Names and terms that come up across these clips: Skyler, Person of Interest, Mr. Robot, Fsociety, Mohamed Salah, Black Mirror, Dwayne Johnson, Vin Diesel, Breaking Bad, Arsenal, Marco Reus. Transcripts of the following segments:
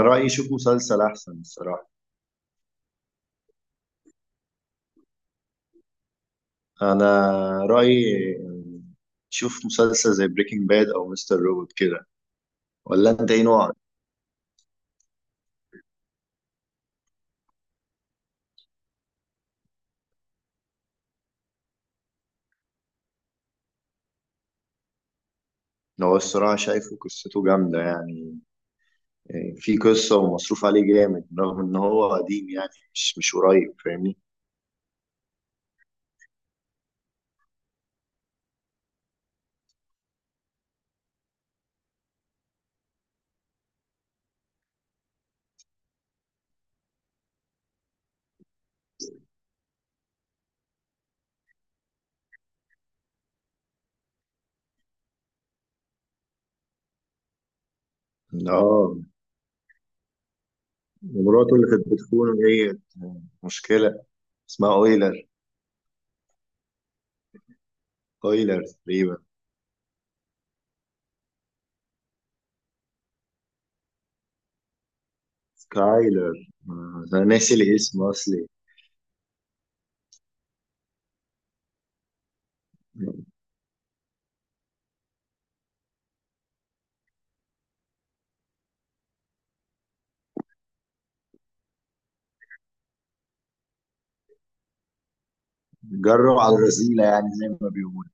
رأيي شوف مسلسل أحسن الصراحة. أنا رأيي شوف مسلسل زي بريكنج باد أو مستر روبوت كده. ولا أنت إيه نوعك؟ هو الصراحة شايفه قصته جامدة يعني. في قصة ومصروف عليه جامد رغم إن هو قديم يعني. مش قريب، فاهمني؟ آه، مراته اللي كانت بتخونه ديت مشكلة، اسمها أويلر. أويلر تقريبا. سكايلر. آه، أنا ناسي الاسم أصلي. جرب على الرذيلة يعني زي ما بيقولوا.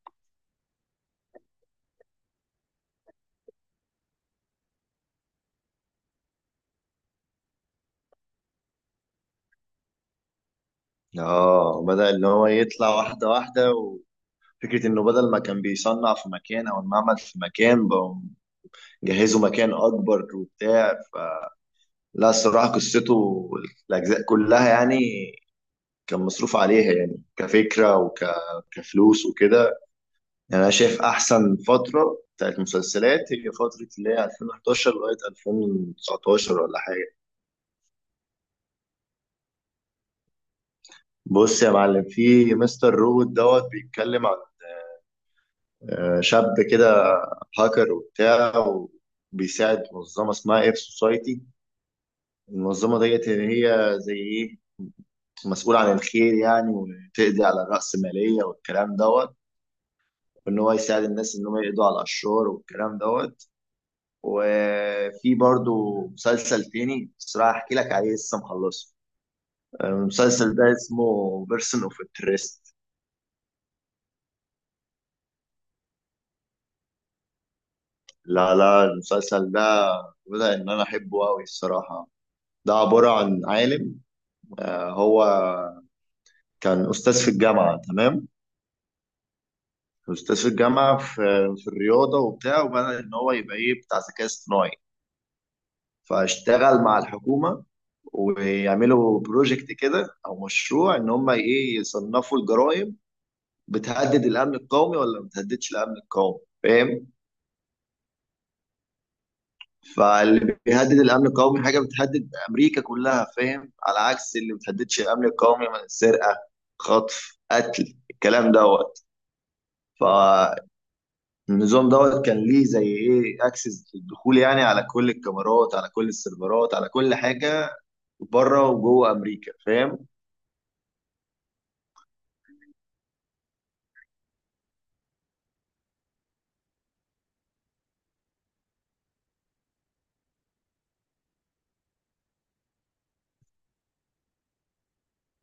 اه، بدأ ان هو يطلع واحدة واحدة، وفكرة انه بدل ما كان بيصنع في مكان او المعمل في مكان، بقوا جهزوا مكان اكبر وبتاع فلا. الصراحة قصته، الاجزاء كلها يعني، كان مصروف عليها يعني كفكرة وكفلوس وكده. يعني انا شايف احسن فترة بتاعت مسلسلات هي فترة اللي هي 2011 لغاية 2019 ولا حاجة. بص يا معلم، في مستر روبوت دوت بيتكلم. آه، شاب كده، هاكر وبتاع، وبيساعد منظمة اسمها اير سوسايتي. المنظمة ديت اللي هي زي ايه مسؤول عن الخير يعني، وتقضي على الرأسمالية والكلام دوت. وان هو يساعد الناس ان هم يقضوا على الاشرار والكلام دوت. وفي برضو مسلسل تاني بصراحة احكي لك عليه لسه مخلصه. آه، المسلسل ده اسمه بيرسون اوف انترست. لا المسلسل ده بدأ ان انا احبه قوي الصراحة. ده عبارة عن عالم. آه، هو كان استاذ في الجامعه، تمام؟ استاذ في الجامعه في الرياضه وبتاع، وبدا ان هو يبقى ايه بتاع ذكاء اصطناعي. فاشتغل مع الحكومه ويعملوا بروجكت كده او مشروع ان هم ايه يصنفوا الجرائم. بتهدد الامن القومي ولا ما بتهددش الامن القومي، فاهم؟ فاللي بيهدد الامن القومي حاجه بتهدد امريكا كلها، فاهم، على عكس اللي ما بتهددش الامن القومي من السرقه، خطف، قتل، الكلام دوت. النظام دوت كان ليه زي ايه اكسس للدخول يعني، على كل الكاميرات، على كل السيرفرات، على كل حاجه، بره وجوه امريكا، فاهم؟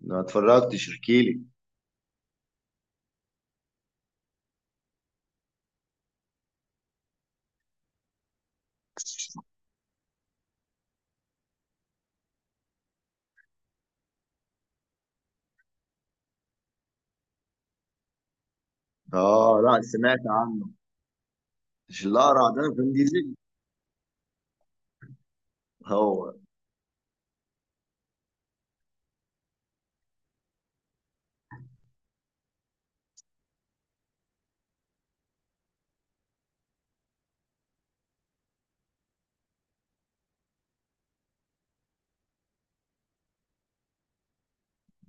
ما اتفرجتش، احكيلي. اه، لا سمعت عنه. مش الاقرع ده فين ديزل؟ هو.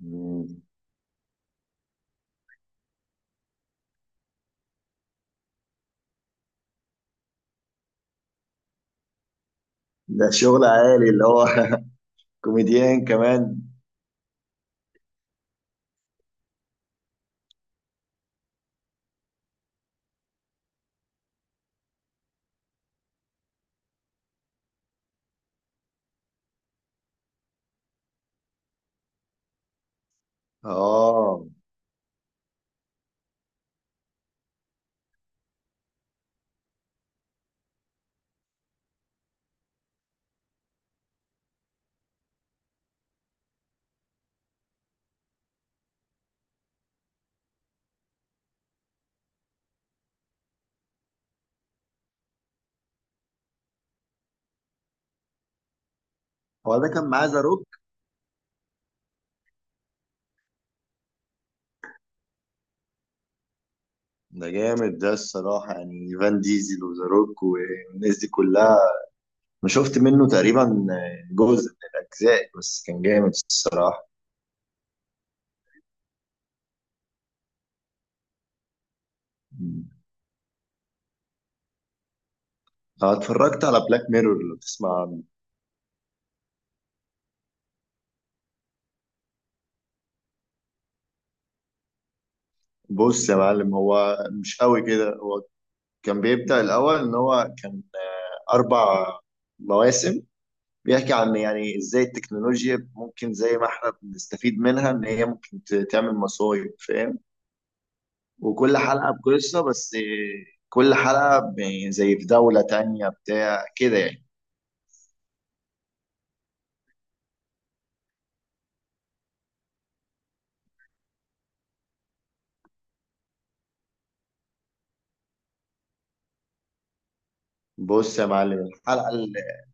مم. ده شغل عالي اللي هو كوميديان كمان. اه، هو ده كان معاه ذا روك. ده جامد ده الصراحه يعني، فان ديزل وذا روك والناس دي كلها. انا شفت منه تقريبا جزء من الاجزاء، بس كان جامد الصراحه. أنا اتفرجت على بلاك ميرور، لو تسمع عنه. بص يا معلم، هو مش قوي كده. هو كان بيبدأ الاول ان هو كان آه، اربع مواسم. بيحكي عن يعني ازاي التكنولوجيا ممكن زي ما احنا بنستفيد منها ان هي ممكن تعمل مصايب، فاهم؟ وكل حلقه بقصه، بس آه، كل حلقه زي في دوله تانية بتاع كده يعني. بص يا معلم، الحلقة اللي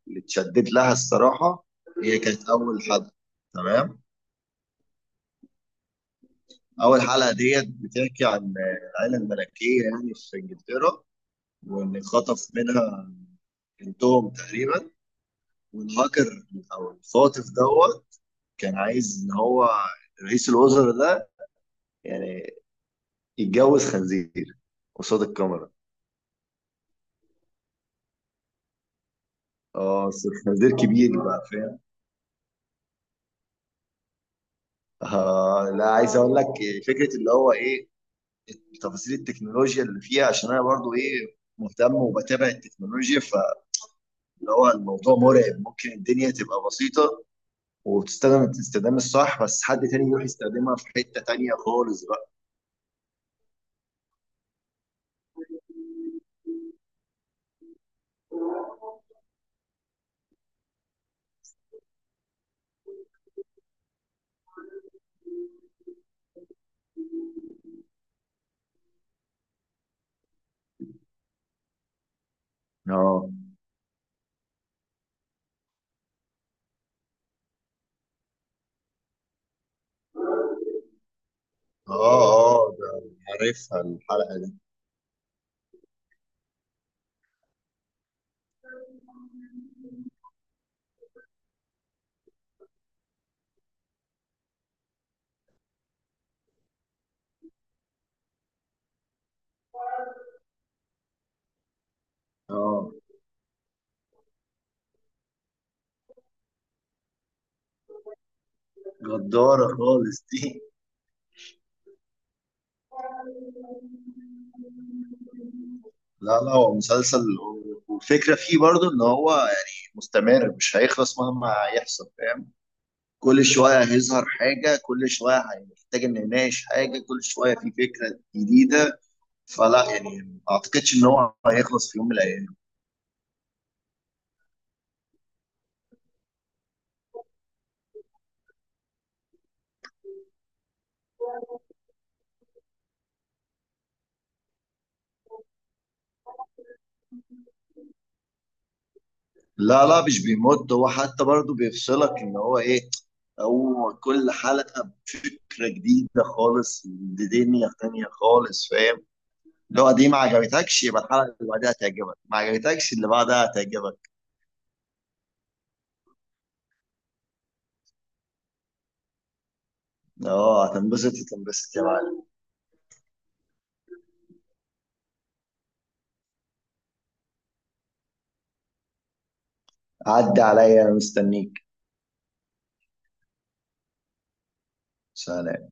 اللي اتشدد لها الصراحة هي كانت أول حلقة، تمام؟ أول حلقة ديت بتحكي عن العائلة الملكية يعني في إنجلترا، وإن خطف منها بنتهم تقريبا، والهاكر أو الخاطف دوت كان عايز إن هو رئيس الوزراء ده يعني يتجوز خنزير قصاد الكاميرا. اه، بس خنزير كبير بقى، فاهم؟ آه لا، عايز اقول لك فكره اللي هو ايه تفاصيل التكنولوجيا اللي فيها، عشان انا برضو ايه مهتم وبتابع التكنولوجيا، فاللي هو الموضوع مرعب. ممكن الدنيا تبقى بسيطة وبتستخدم الاستخدام الصح، بس حد تاني يروح يستخدمها في حتة تانية خالص بقى. اه. اه. اه ده عارفها الحلقة دي. اه، جدارة خالص دي. لا هو مسلسل، والفكرة فيه برضو ان هو يعني مستمر، مش هيخلص مهما يحصل، فاهم؟ كل شوية هيظهر حاجة، كل شوية هنحتاج إن نناقش حاجة، كل شوية في فكرة جديدة. فلا يعني ما أعتقدش إن هو هيخلص في يوم من الأيام. لا مش بيمد، هو حتى برضه بيفصلك إن هو إيه. هو كل حلقة بفكرة جديدة خالص، بدنيا تانية خالص، فاهم؟ لو دي ما عجبتكش يبقى الحلقة اللي بعدها هتعجبك، ما عجبتكش اللي بعدها هتعجبك. اه، هتنبسط يا معلم. عدي عليا أنا مستنيك. سلام.